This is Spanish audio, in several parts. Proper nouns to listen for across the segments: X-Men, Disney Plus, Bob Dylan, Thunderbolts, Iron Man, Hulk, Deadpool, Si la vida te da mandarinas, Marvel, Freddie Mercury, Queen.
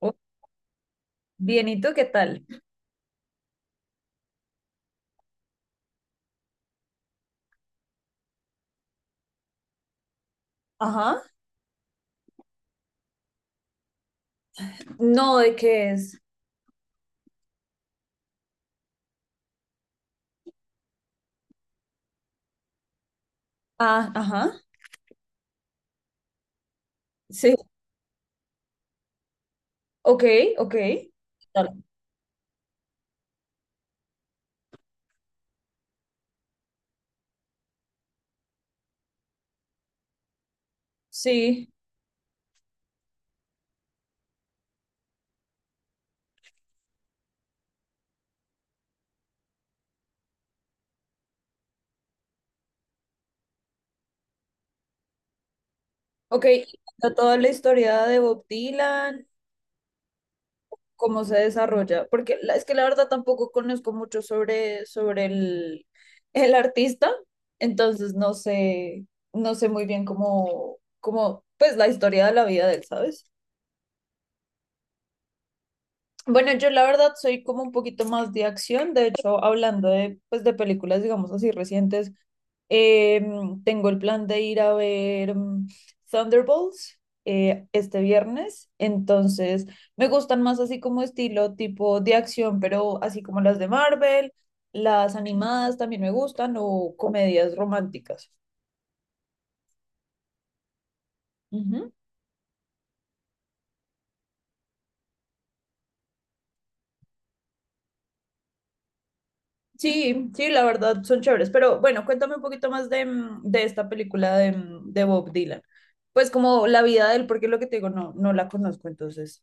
Oh, bien, ¿y tú qué tal? Ajá. No, ¿de qué es? Ah, ajá. Sí. Ok, ok. ¿Qué tal. Sí, ok. Y cuenta toda la historia de Bob Dylan, cómo se desarrolla, porque es que la verdad tampoco conozco mucho sobre, sobre el artista, entonces no sé, no sé muy bien cómo, cómo, pues la historia de la vida de él, ¿sabes? Bueno, yo la verdad soy como un poquito más de acción, de hecho, hablando de, pues, de películas, digamos así, recientes. Tengo el plan de ir a ver Thunderbolts este viernes, entonces me gustan más así como estilo tipo de acción, pero así como las de Marvel, las animadas también me gustan o comedias románticas. Ujú. Sí, sí, la verdad son chéveres, pero bueno, cuéntame un poquito más de, de esta película de, de Bob Dylan. Pues como la vida de él, porque lo que te digo, no, no la conozco, entonces.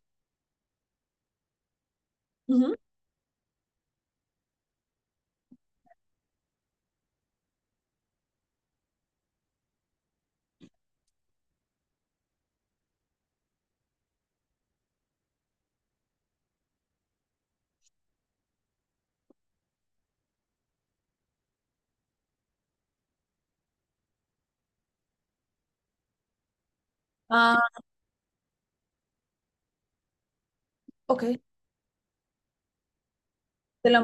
Ujú. Ah, ok. Te la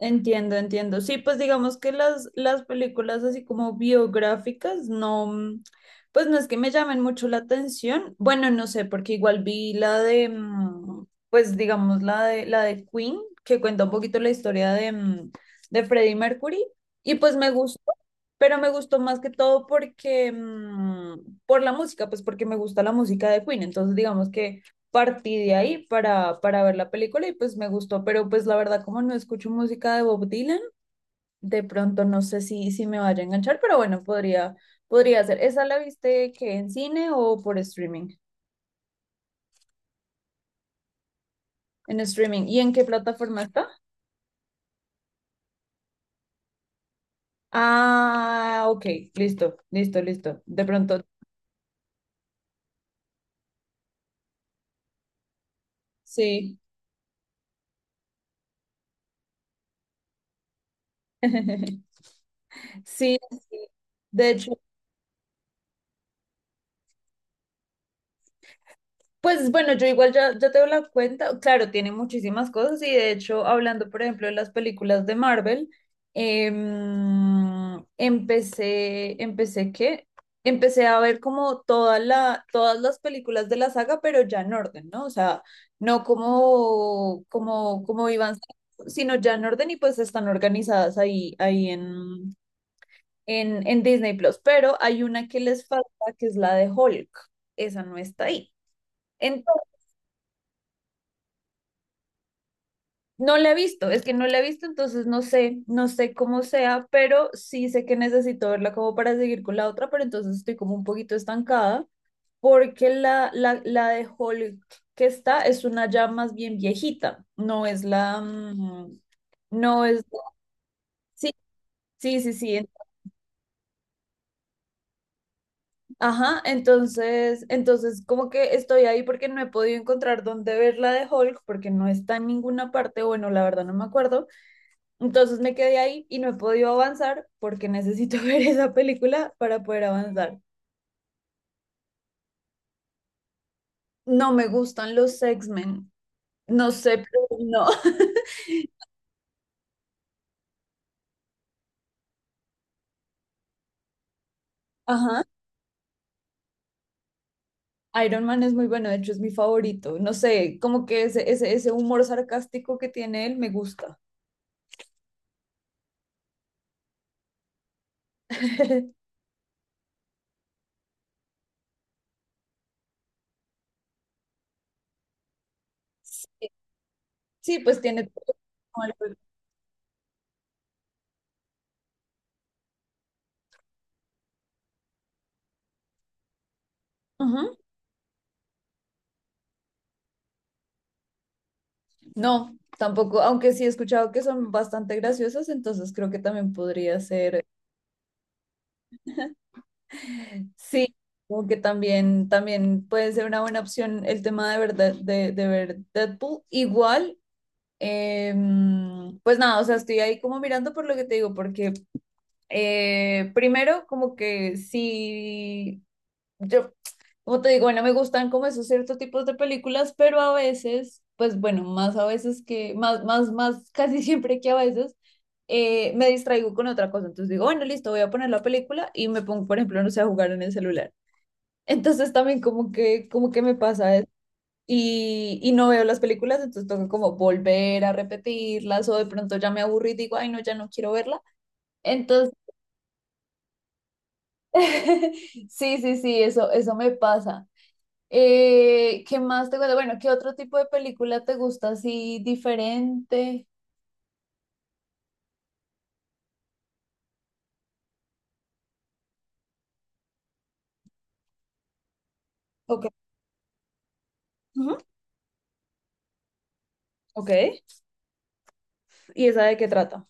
entiendo, entiendo. Sí, pues digamos que las películas así como biográficas, no, pues no es que me llamen mucho la atención. Bueno, no sé, porque igual vi la de, pues digamos la de Queen, que cuenta un poquito la historia de, de Freddie Mercury, y pues me gustó, pero me gustó más que todo porque, por la música, pues porque me gusta la música de Queen. Entonces, digamos que partí de ahí para ver la película y pues me gustó, pero pues la verdad como no escucho música de Bob Dylan, de pronto no sé si, si me vaya a enganchar, pero bueno, podría, podría ser. ¿Esa la viste que en cine o por streaming? En streaming. ¿Y en qué plataforma está? Ah, ok, listo, listo, listo. De pronto, sí. Sí, sí. De hecho, pues bueno, yo igual ya, ya te doy la cuenta. Claro, tiene muchísimas cosas y de hecho, hablando por ejemplo de las películas de Marvel, empecé, empecé ¿qué? Empecé a ver como toda todas las películas de la saga, pero ya en orden, ¿no? O sea, no como, como, como iban, sino ya en orden y pues están organizadas ahí, ahí en, en Disney Plus. Pero hay una que les falta, que es la de Hulk. Esa no está ahí. No la he visto, es que no la he visto, entonces no sé, no sé cómo sea, pero sí sé que necesito verla como para seguir con la otra, pero entonces estoy como un poquito estancada porque la de Hulk que está es una ya más bien viejita, no es la, no es, sí, sí, sí, sí, ajá, entonces, entonces como que estoy ahí porque no he podido encontrar dónde ver la de Hulk porque no está en ninguna parte, bueno, la verdad no me acuerdo. Entonces me quedé ahí y no he podido avanzar porque necesito ver esa película para poder avanzar. No me gustan los X-Men. No sé, pero no. Ajá. Iron Man es muy bueno, de hecho es mi favorito. No sé, como que ese, ese humor sarcástico que tiene él me gusta. Sí, sí, pues tiene todo como ujú. No, tampoco, aunque sí he escuchado que son bastante graciosas, entonces creo que también podría ser sí, como que también, también puede ser una buena opción el tema de ver, de, de ver Deadpool. Igual, pues nada, o sea, estoy ahí como mirando por lo que te digo, porque primero como que sí, yo, como te digo, bueno, me gustan como esos ciertos tipos de películas, pero a veces, pues bueno, más a veces que, más, casi siempre que a veces me distraigo con otra cosa. Entonces digo, bueno, listo, voy a poner la película y me pongo, por ejemplo, no sé, a jugar en el celular. Entonces también como que me pasa eso. Y no veo las películas, entonces tengo como volver a repetirlas o de pronto ya me aburrí y digo, ay, no, ya no quiero verla. Entonces, sí, sí, sí, eso me pasa. ¿Qué más te gusta? Bueno, ¿qué otro tipo de película te gusta así diferente? Ok. Ujú, ok. ¿Y esa de qué trata?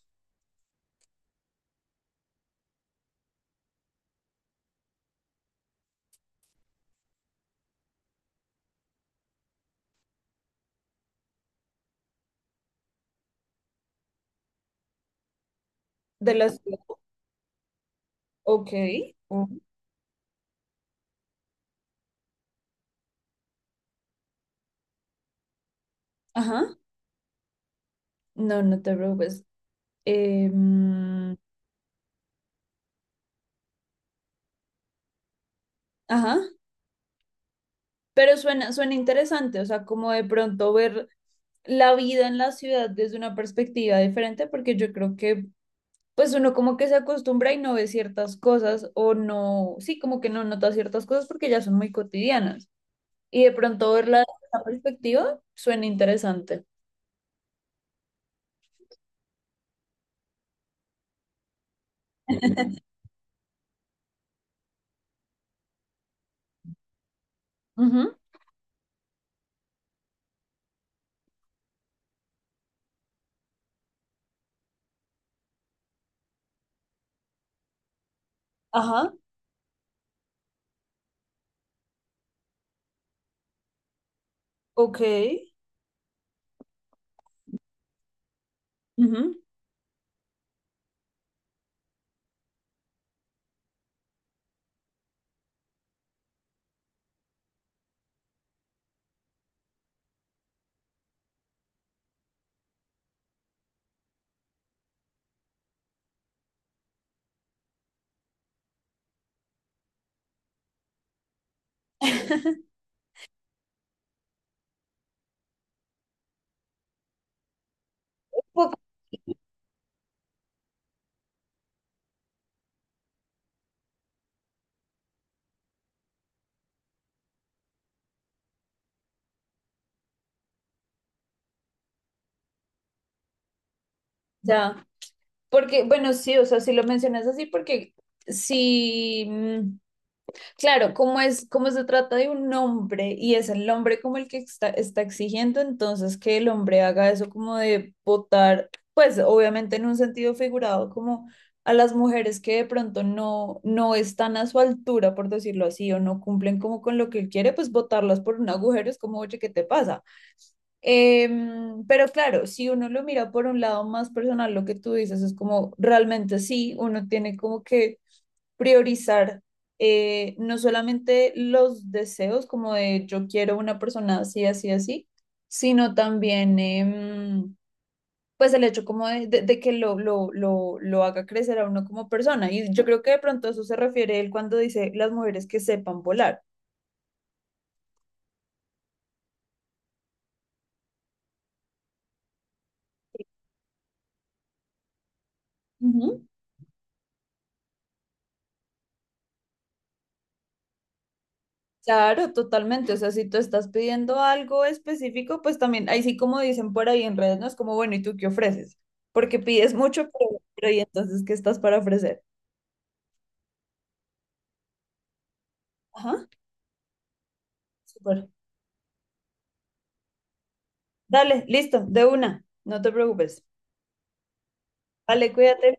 De la ciudad. Ok. Ujú. Ajá. No, no te preocupes. Em, ajá. Pero suena, suena interesante, o sea, como de pronto ver la vida en la ciudad desde una perspectiva diferente, porque yo creo que pues uno como que se acostumbra y no ve ciertas cosas o no, sí, como que no nota ciertas cosas porque ya son muy cotidianas. Y de pronto verla desde esa perspectiva suena interesante. Ujú, ajá, ok. Ujú. Poco, ya, porque, bueno, sí, o sea, si lo mencionas así, porque si, claro, como es, como se trata de un hombre y es el hombre como el que está, está exigiendo, entonces que el hombre haga eso como de votar, pues obviamente en un sentido figurado, como a las mujeres que de pronto no, no están a su altura, por decirlo así, o no cumplen como con lo que él quiere, pues votarlas por un agujero es como, oye, ¿qué te pasa? Pero claro, si uno lo mira por un lado más personal, lo que tú dices es como, realmente sí, uno tiene como que priorizar no solamente los deseos como de yo quiero una persona así, así, así, sino también pues el hecho como de, de que lo, lo haga crecer a uno como persona. Y yo creo que de pronto a eso se refiere él cuando dice las mujeres que sepan volar. Ujú. Claro, totalmente. O sea, si tú estás pidiendo algo específico, pues también, ahí sí como dicen por ahí en redes, no es como, bueno, ¿y tú qué ofreces? Porque pides mucho, pero ¿y entonces qué estás para ofrecer? Ajá, súper. Dale, listo, de una, no te preocupes. Dale, cuídate.